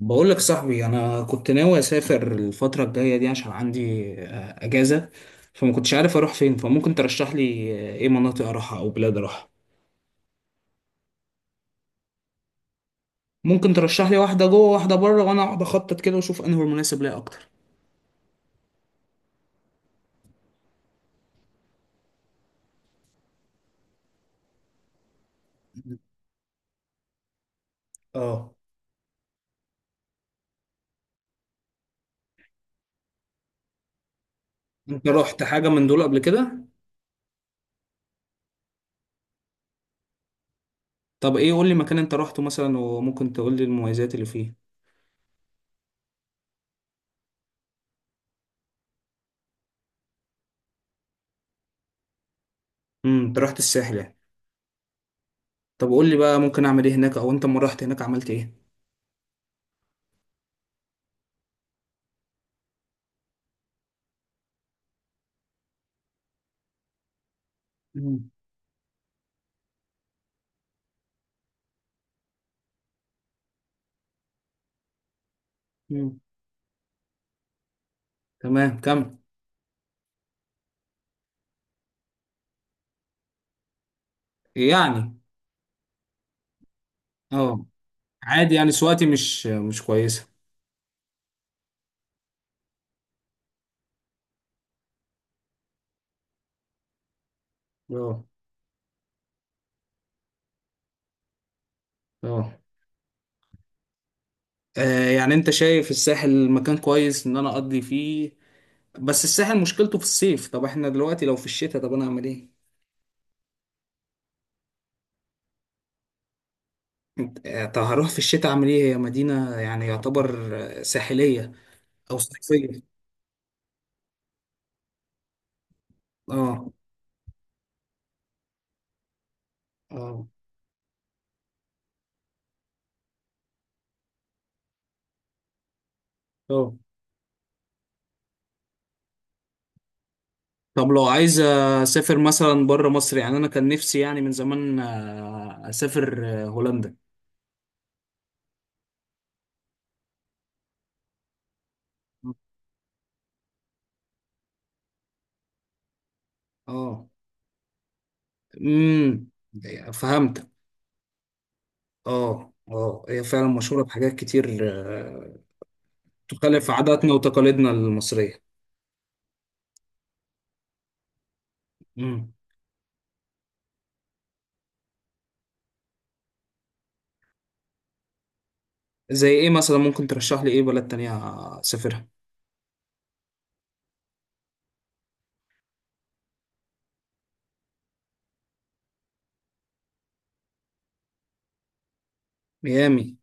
بقول لك يا صاحبي، انا كنت ناوي اسافر الفتره الجايه دي عشان عندي اجازه. فما كنتش عارف اروح فين، فممكن ترشح لي ايه مناطق اروحها او بلاد اروحها؟ ممكن ترشح لي واحده جوه واحده بره، وانا اقعد اخطط كده واشوف انهي المناسب ليا اكتر. اه. انت رحت حاجه من دول قبل كده؟ طب ايه، قول لي مكان انت رحته مثلا وممكن تقول لي المميزات اللي فيه. انت رحت الساحل يعني؟ طب قول لي بقى، ممكن اعمل ايه هناك او انت لما رحت هناك عملت ايه؟ مم. مم. تمام، كمل. يعني. اه. عادي يعني، سواتي مش كويسة. اه. اه. يعني انت شايف الساحل مكان كويس ان انا اقضي فيه؟ بس الساحل مشكلته في الصيف. طب احنا دلوقتي لو في الشتاء، طب انا اعمل ايه؟ طب هروح في الشتاء اعمل ايه؟ هي مدينة يعني يعتبر ساحلية او صيفية. اه. اه. اه. طب لو عايز اسافر مثلا بره مصر، يعني انا كان نفسي يعني من زمان اسافر هولندا. اه. امم فهمت. اه، اه، هي فعلا مشهورة بحاجات كتير تخالف عاداتنا وتقاليدنا المصرية. مم. زي ايه مثلا؟ ممكن ترشح لي ايه بلد تانية اسافرها؟ ميامي؟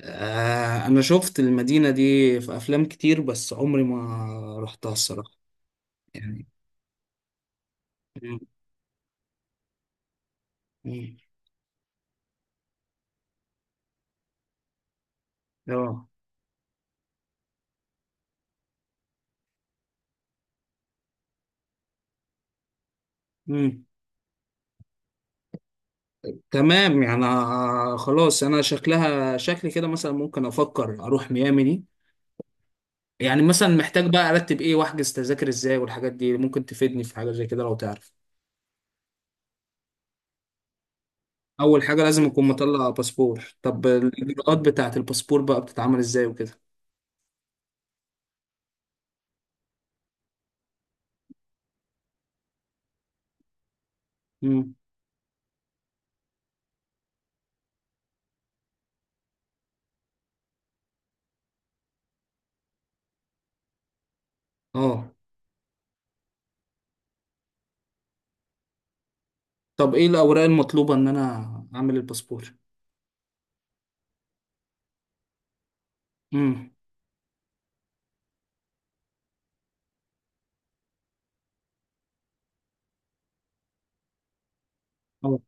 آه، انا شفت المدينة دي في افلام كتير بس عمري ما رحتها الصراحة. يعني. مم. مم. اه. مم. تمام يعني، خلاص انا شكلها شكلي كده مثلا ممكن افكر اروح ميامي دي. يعني مثلا، محتاج بقى ارتب ايه واحجز تذاكر ازاي والحاجات دي؟ ممكن تفيدني في حاجة زي كده لو تعرف. اول حاجه لازم اكون مطلع باسبور. طب الاجراءات بتاعه الباسبور بقى بتتعمل ازاي وكده؟ امم. اه. طب ايه الاوراق المطلوبه ان انا اعمل الباسبور؟ امم. اه.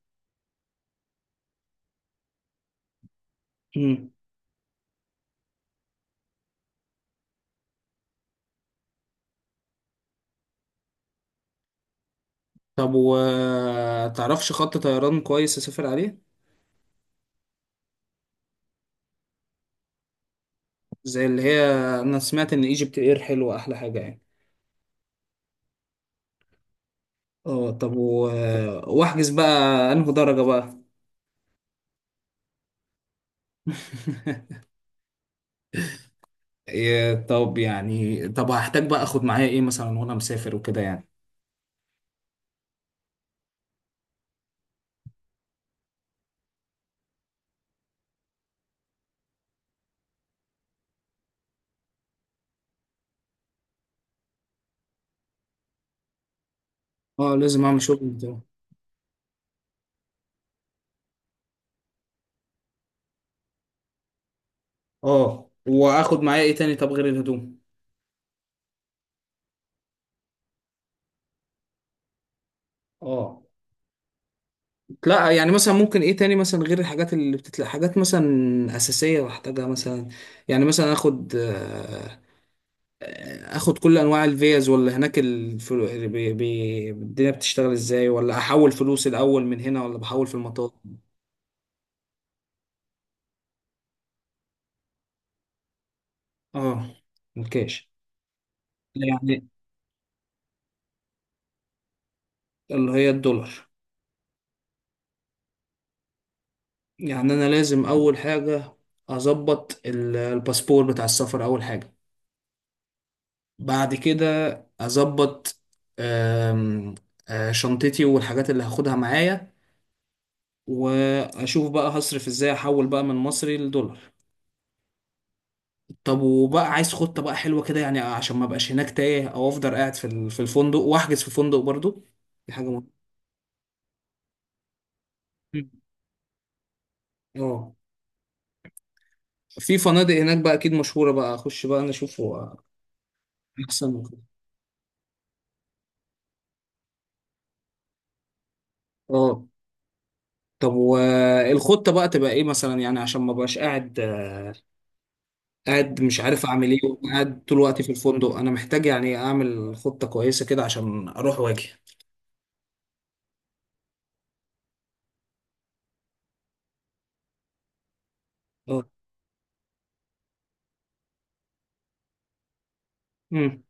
امم. طب وتعرفش خط طيران كويس اسافر عليه؟ زي اللي هي، انا سمعت ان ايجيبت اير حلوه احلى حاجه يعني. اه. طب واحجز بقى، انه درجه بقى؟ إيه، طب يعني، طب هحتاج بقى اخد معايا ايه مثلا وانا مسافر وكده يعني؟ اه، لازم اعمل شغل. اه. واخد معايا ايه تاني طب غير الهدوم؟ اه. لا يعني، مثلا ممكن ايه تاني مثلا غير الحاجات اللي بتتلاقي، حاجات مثلا اساسيه بحتاجها مثلا؟ يعني مثلا اخد اخد كل انواع الفيز، ولا هناك الدنيا بتشتغل ازاي، ولا احول فلوس الاول من هنا، ولا بحول في المطار؟ اه. الكاش. يعني اللي هي الدولار. يعني انا لازم اول حاجه اظبط الباسبور بتاع السفر اول حاجه. بعد كده اظبط آم، آه، شنطتي والحاجات اللي هاخدها معايا. واشوف بقى هصرف ازاي، احول بقى من مصري لدولار. طب وبقى عايز خطة بقى حلوة كده يعني عشان ما ابقاش هناك تايه، او افضل قاعد في في الفندق. واحجز في فندق برضو، دي حاجة مهمة. مم. اه. في فنادق هناك بقى اكيد مشهورة، بقى اخش بقى انا اشوف هو احسن وكده. اه. طب والخطة بقى تبقى ايه مثلا، يعني عشان ما بقاش قاعد، قاعد مش عارف اعمل ايه، وقاعد طول وقتي في الفندق. انا محتاج يعني اعمل خطة كويسة كده عشان اروح واجي. اه. امم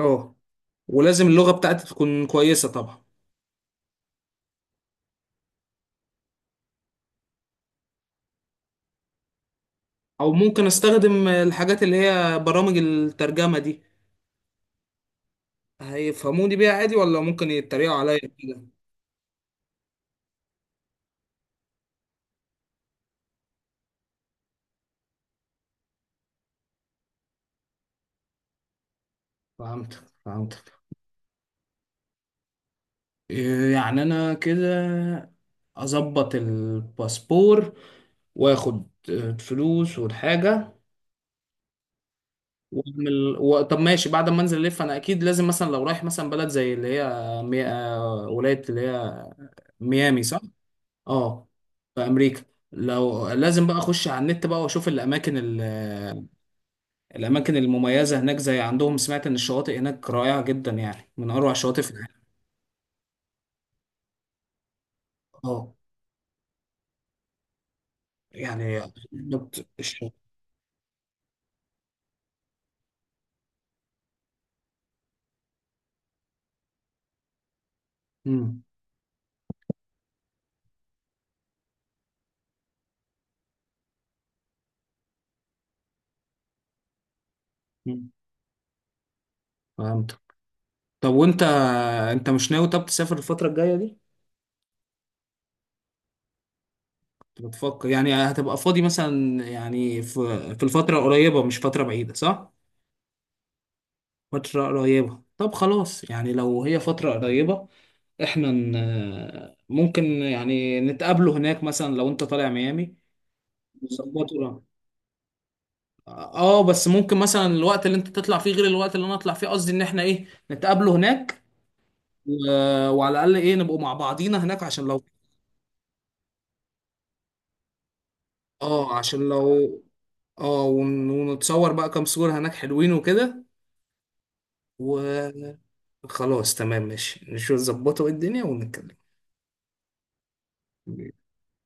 اه. ولازم اللغة بتاعتي تكون كويسة طبعا؟ او ممكن استخدم الحاجات اللي هي برامج الترجمة دي، هيفهموني بيها عادي، ولا ممكن يتريقوا عليا كده؟ فهمتك، فهمتك. إيه يعني، انا كده اظبط الباسبور واخد الفلوس والحاجة واعمل طب ماشي، بعد ما انزل الف انا اكيد لازم مثلا لو رايح مثلا بلد زي اللي هي مي... آه، ولايه اللي هي ميامي صح؟ اه. في امريكا. لو لازم بقى اخش على النت بقى واشوف الاماكن الاماكن المميزه هناك، زي عندهم سمعت ان الشواطئ هناك رائعه جدا يعني من اروع الشواطئ في العالم. اه، يعني. بالظبط الشواطئ. امم. أمم. فهمت. طب وانت، انت مش ناوي طب تسافر الفتره الجايه دي؟ كنت بتفكر؟ يعني هتبقى فاضي مثلا يعني في الفترة قريبة مش فترة بعيدة صح؟ فترة قريبة. طب خلاص يعني لو هي فترة قريبة، احنا ممكن يعني نتقابله هناك مثلا لو انت طالع ميامي. نظبطه ده. اه. بس ممكن مثلا الوقت اللي انت تطلع فيه غير الوقت اللي انا اطلع فيه، قصدي ان احنا ايه، نتقابله هناك و... وعلى الاقل ايه، نبقوا مع بعضينا هناك عشان لو. اه، عشان لو. اه. ونتصور بقى كام صورة هناك حلوين وكده و... خلاص تمام ماشي، نشوف نظبطه الدنيا ونتكلم.